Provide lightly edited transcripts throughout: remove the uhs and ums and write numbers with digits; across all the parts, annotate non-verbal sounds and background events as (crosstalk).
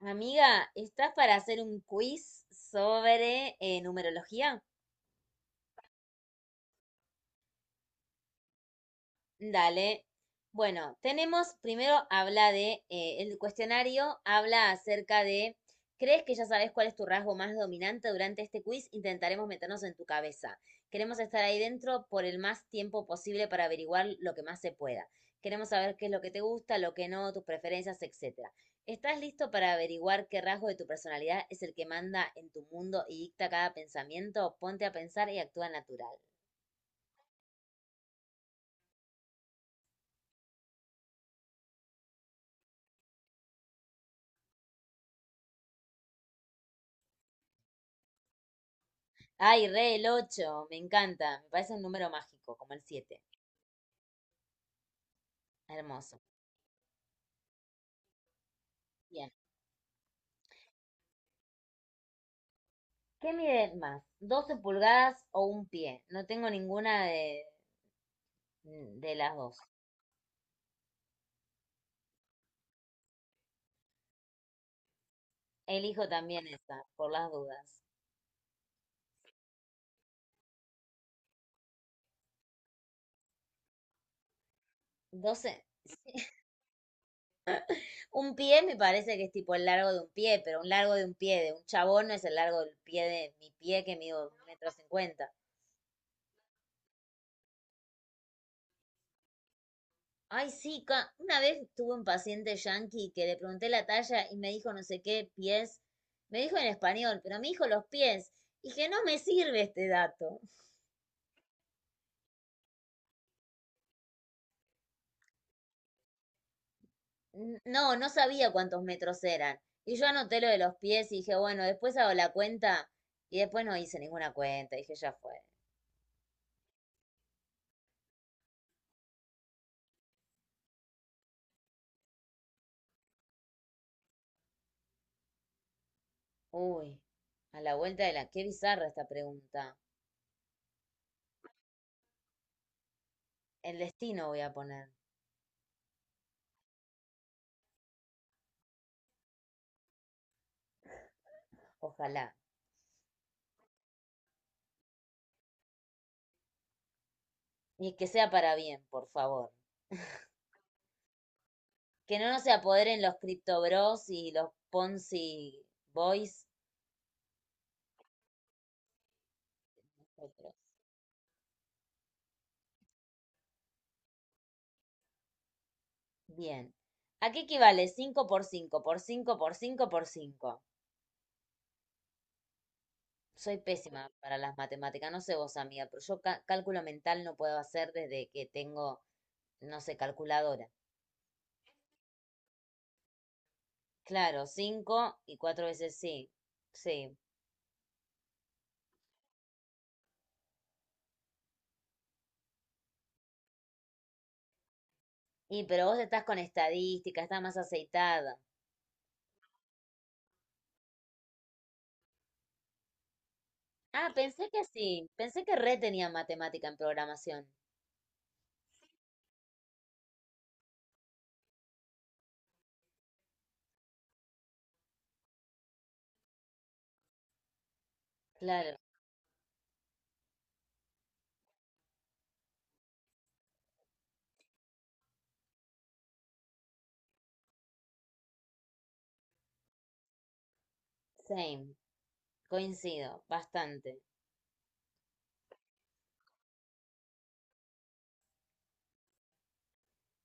Amiga, ¿estás para hacer un quiz sobre numerología? Dale. Bueno, tenemos, primero el cuestionario habla acerca de, ¿crees que ya sabes cuál es tu rasgo más dominante durante este quiz? Intentaremos meternos en tu cabeza. Queremos estar ahí dentro por el más tiempo posible para averiguar lo que más se pueda. Queremos saber qué es lo que te gusta, lo que no, tus preferencias, etcétera. ¿Estás listo para averiguar qué rasgo de tu personalidad es el que manda en tu mundo y dicta cada pensamiento? Ponte a pensar y actúa natural. Ay, re el 8, me encanta, me parece un número mágico, como el 7. Hermoso. Bien. ¿Qué mide más, 12 pulgadas o un pie? No tengo ninguna de las dos. Elijo también esa, por las dudas. 12. Un pie me parece que es tipo el largo de un pie, pero un largo de un pie de un chabón no es el largo del pie de mi pie que mido un metro cincuenta. Ay, sí, una vez tuve un paciente yanqui que le pregunté la talla y me dijo no sé qué pies. Me dijo en español, pero me dijo los pies. Y que no me sirve este dato. No sabía cuántos metros eran. Y yo anoté lo de los pies y dije, bueno, después hago la cuenta. Y después no hice ninguna cuenta. Dije, ya fue. Uy, a la vuelta de la... Qué bizarra esta pregunta. El destino voy a poner. Ojalá. Y que sea para bien, por favor. Que no nos se apoderen los Crypto Bros y los Ponzi Boys. Otros. Bien. ¿A qué equivale 5 por 5 por 5 por 5 por cinco? Soy pésima para las matemáticas, no sé vos, amiga, pero yo cálculo mental no puedo hacer desde que tengo, no sé, calculadora. Claro, 5 y 4 veces, sí. Sí. Y pero vos estás con estadística, estás más aceitada. Ah, pensé que sí, pensé que re tenía matemática en programación. Claro, same. Coincido, bastante.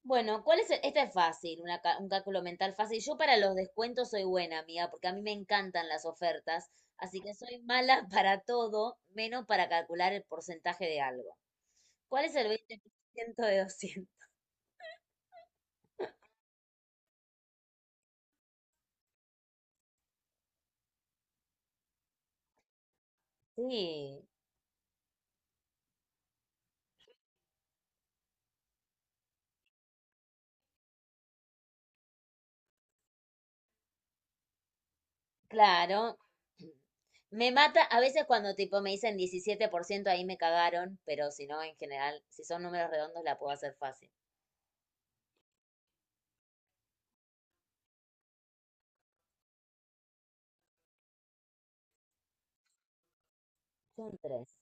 Bueno, Esta es fácil, un cálculo mental fácil. Yo para los descuentos soy buena, amiga, porque a mí me encantan las ofertas, así que soy mala (laughs) para todo, menos para calcular el porcentaje de algo. ¿Cuál es el 20% de 200? (laughs) Sí, claro. Me mata a veces cuando tipo me dicen 17%, ahí me cagaron, pero si no, en general, si son números redondos, la puedo hacer fácil. Son tres.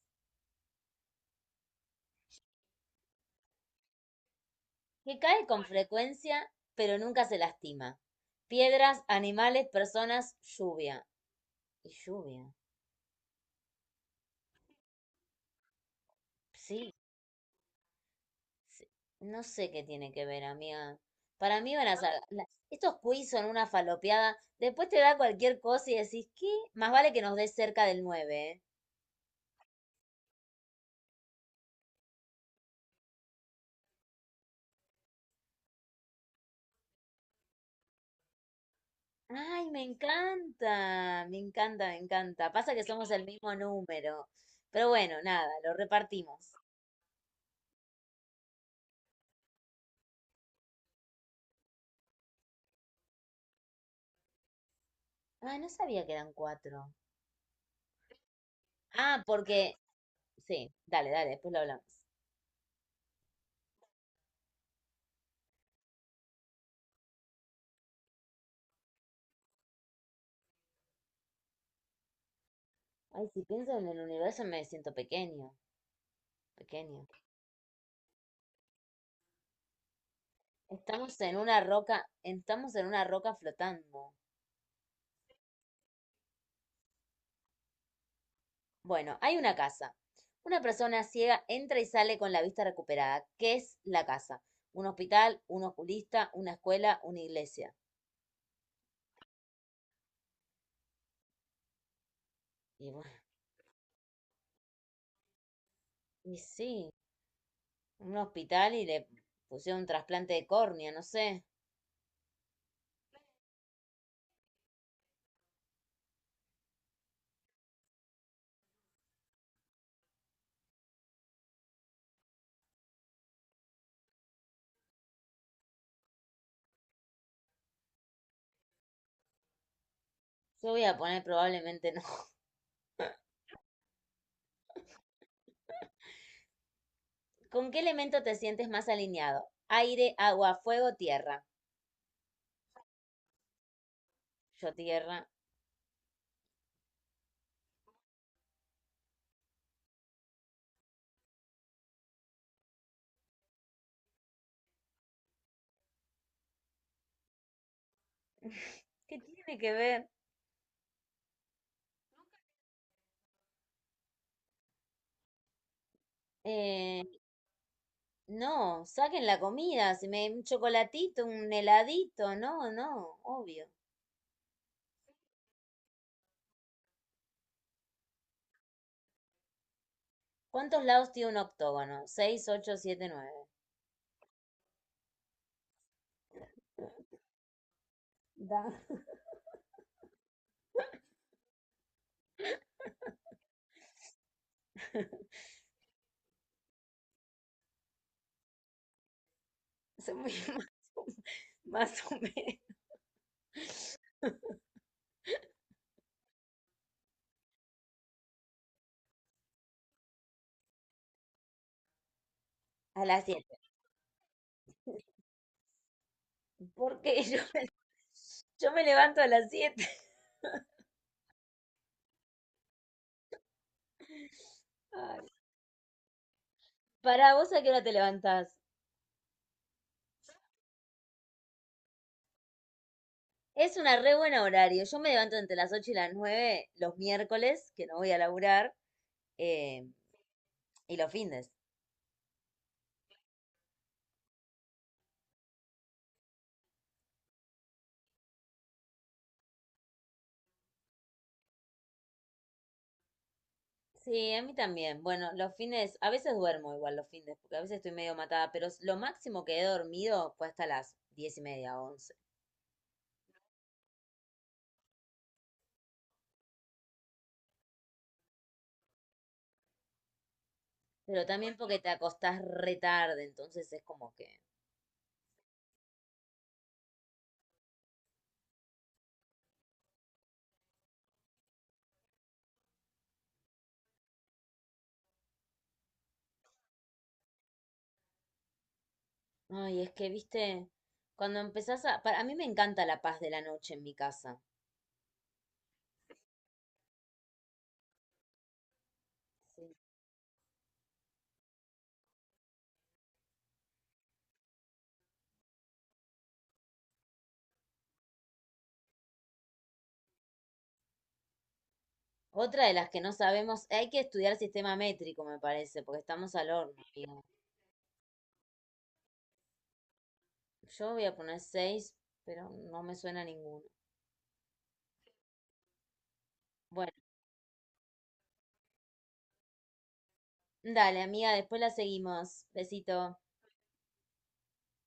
Que cae con frecuencia, pero nunca se lastima. Piedras, animales, personas, lluvia. Y lluvia. Sí. Sí. No sé qué tiene que ver, amiga. Para mí van a ser Estos quiz son una falopeada. Después te da cualquier cosa y decís, ¿qué? Más vale que nos des cerca del nueve, ¿eh? Ay, me encanta, me encanta, me encanta. Pasa que somos el mismo número. Pero bueno, nada, lo repartimos. Ah, no sabía que eran cuatro. Ah, porque Sí, dale, dale, después lo hablamos. Ay, si pienso en el universo me siento pequeño, pequeño. Estamos en una roca, estamos en una roca flotando. Bueno, hay una casa. Una persona ciega entra y sale con la vista recuperada. ¿Qué es la casa? Un hospital, un oculista, una escuela, una iglesia. Y bueno, y sí, un hospital y le pusieron un trasplante de córnea, no sé. Yo voy a poner probablemente no. (laughs) ¿Con qué elemento te sientes más alineado? Aire, agua, fuego, tierra. Yo tierra. (laughs) ¿Qué tiene que ver? Eh, no, saquen la comida, si me un chocolatito, un heladito, no, no, obvio. ¿Cuántos lados tiene un octógono? ¿Seis, ocho, siete, nueve? Da. (laughs) se me- (laughs) Más o menos. A las siete. Porque (laughs) yo me levanto a las 7. (laughs) Ay, ¿para vos a qué hora te levantás? Es una re buena horario. Yo me levanto entre las 8 y las 9 los miércoles, que no voy a laburar, eh, y los fines. Sí, a mí también. Bueno, los fines, a veces duermo igual los fines, porque a veces estoy medio matada, pero lo máximo que he dormido fue hasta las 10 y media, 11. Pero también porque te acostás re tarde, entonces es como que, ay, es que, viste, cuando a mí me encanta la paz de la noche en mi casa. Sí. Otra de las que no sabemos, hay que estudiar sistema métrico, me parece, porque estamos al horno, amiga. Yo voy a poner seis, pero no me suena ninguno. Bueno, dale, amiga, después la seguimos. Besito.